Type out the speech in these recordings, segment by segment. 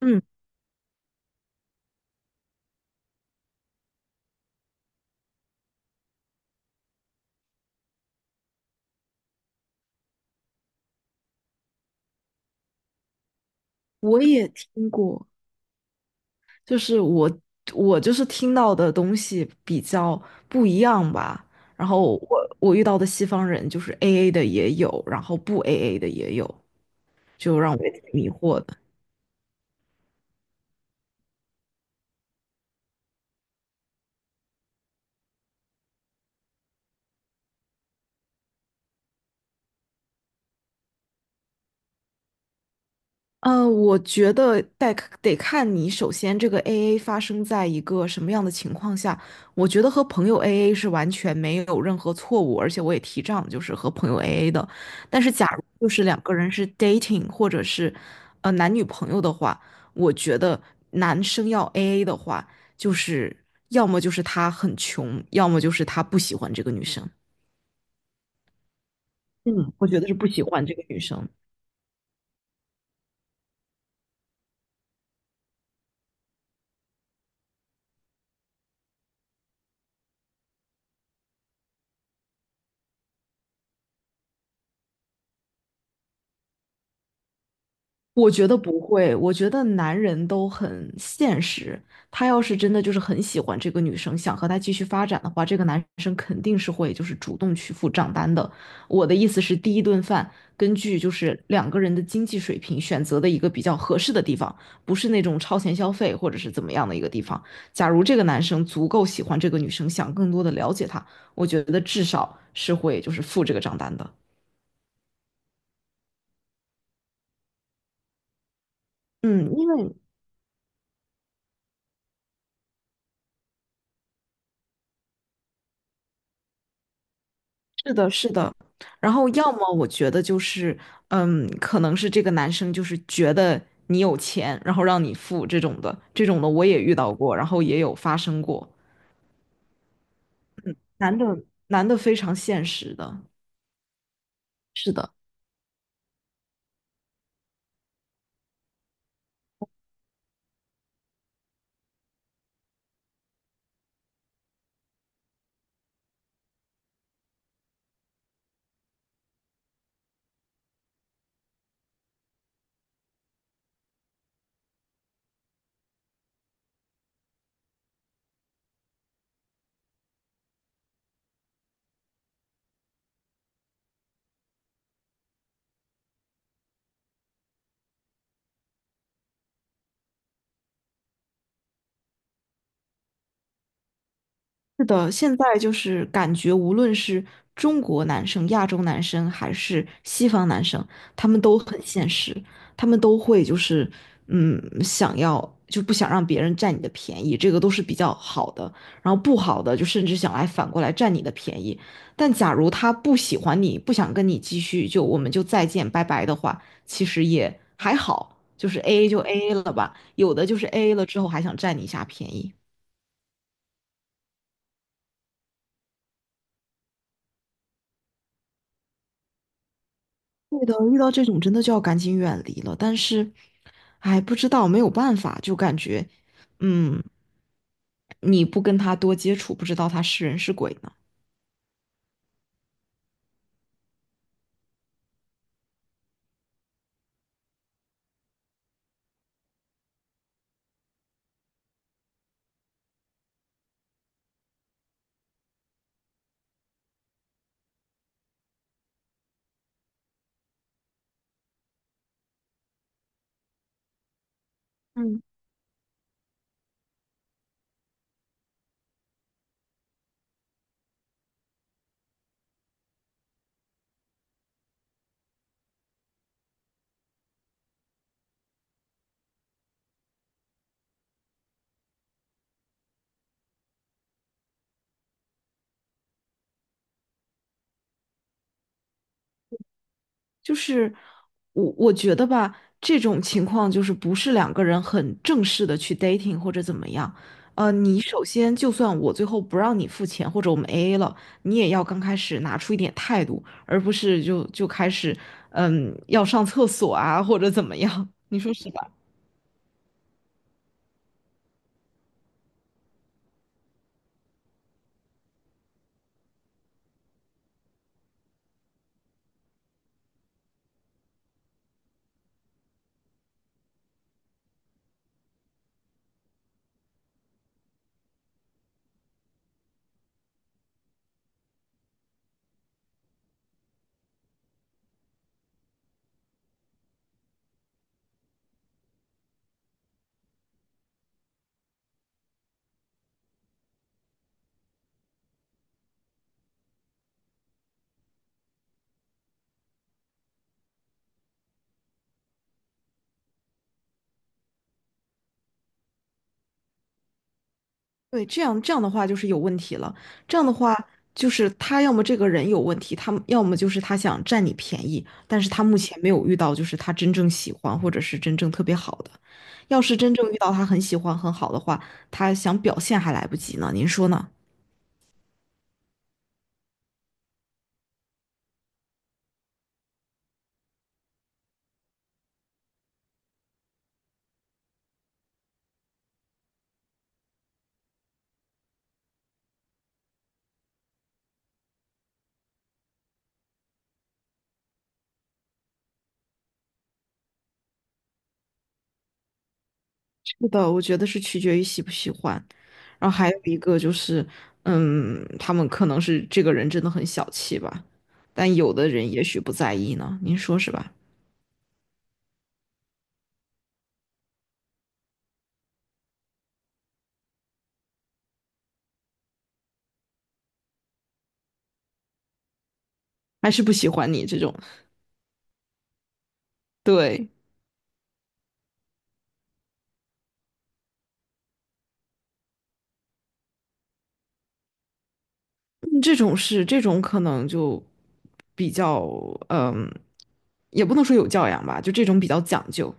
嗯，我也听过，就是我就是听到的东西比较不一样吧。然后我遇到的西方人就是 AA 的也有，然后不 AA 的也有，就让我也挺迷惑的。我觉得得看你首先这个 AA 发生在一个什么样的情况下。我觉得和朋友 AA 是完全没有任何错误，而且我也提倡就是和朋友 AA 的。但是假如就是两个人是 dating 或者是男女朋友的话，我觉得男生要 AA 的话，就是要么就是他很穷，要么就是他不喜欢这个女生。嗯，我觉得是不喜欢这个女生。我觉得不会，我觉得男人都很现实。他要是真的就是很喜欢这个女生，想和她继续发展的话，这个男生肯定是会就是主动去付账单的。我的意思是，第一顿饭根据就是两个人的经济水平选择的一个比较合适的地方，不是那种超前消费或者是怎么样的一个地方。假如这个男生足够喜欢这个女生，想更多的了解她，我觉得至少是会就是付这个账单的。嗯，因为是的，是的。然后要么我觉得就是，可能是这个男生就是觉得你有钱，然后让你付这种的，这种的我也遇到过，然后也有发生过。嗯，男的非常现实的，是的。是的，现在就是感觉，无论是中国男生、亚洲男生，还是西方男生，他们都很现实，他们都会就是，想要就不想让别人占你的便宜，这个都是比较好的。然后不好的，就甚至想来反过来占你的便宜。但假如他不喜欢你，不想跟你继续，就我们就再见，拜拜的话，其实也还好，就是 AA 就 AA 了吧。有的就是 AA 了之后还想占你一下便宜。对的，遇到这种真的就要赶紧远离了。但是，哎，不知道，没有办法，就感觉，嗯，你不跟他多接触，不知道他是人是鬼呢。就是我觉得吧，这种情况就是不是两个人很正式的去 dating 或者怎么样。你首先就算我最后不让你付钱，或者我们 AA 了，你也要刚开始拿出一点态度，而不是就开始，要上厕所啊，或者怎么样，你说是吧？对，这样的话就是有问题了。这样的话就是他要么这个人有问题，他们要么就是他想占你便宜，但是他目前没有遇到就是他真正喜欢或者是真正特别好的。要是真正遇到他很喜欢很好的话，他想表现还来不及呢。您说呢？是的，我觉得是取决于喜不喜欢。然后还有一个就是，他们可能是这个人真的很小气吧，但有的人也许不在意呢。您说是吧？还是不喜欢你这种？对。嗯这种是这种可能就比较嗯，也不能说有教养吧，就这种比较讲究。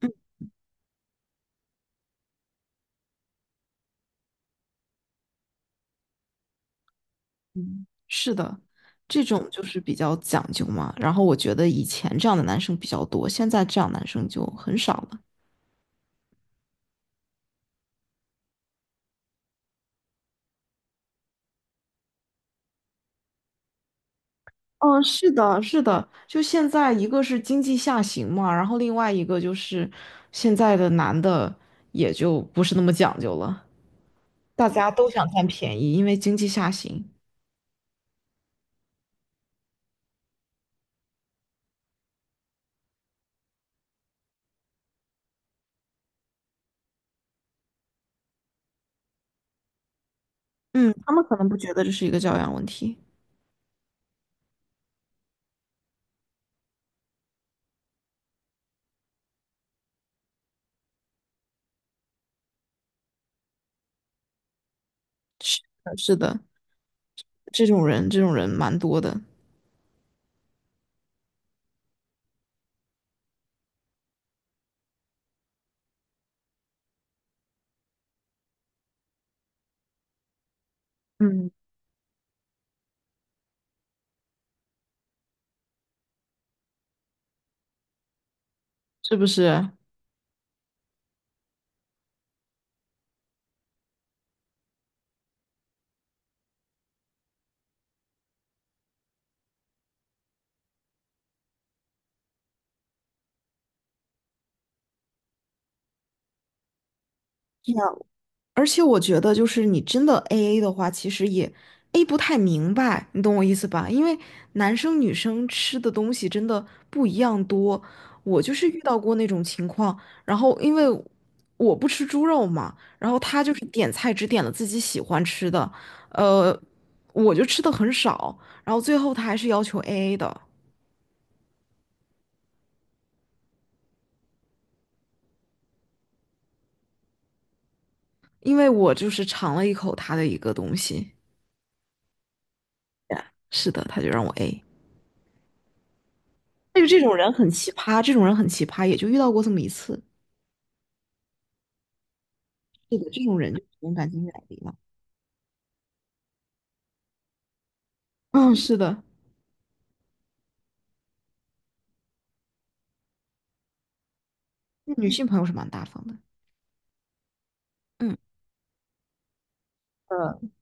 嗯嗯，是的，这种就是比较讲究嘛。然后我觉得以前这样的男生比较多，现在这样男生就很少了。嗯，是的，是的，就现在一个是经济下行嘛，然后另外一个就是现在的男的也就不是那么讲究了，大家都想占便宜，因为经济下行。嗯，他们可能不觉得这是一个教养问题。是的，这种人，这种人蛮多的，嗯，是不是？是啊，而且我觉得，就是你真的 AA 的话，其实也 A 不太明白，你懂我意思吧？因为男生女生吃的东西真的不一样多。我就是遇到过那种情况，然后因为我不吃猪肉嘛，然后他就是点菜只点了自己喜欢吃的，呃，我就吃的很少，然后最后他还是要求 AA 的，因为我就是尝了一口他的一个东西。是的，他就让我 A。但是这种人很奇葩，这种人很奇葩，也就遇到过这么一次。是的，这种人就只能赶紧远离了。嗯，是的，女性朋友是蛮大方的。嗯。下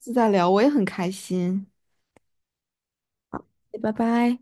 次再聊，我也很开心。拜拜。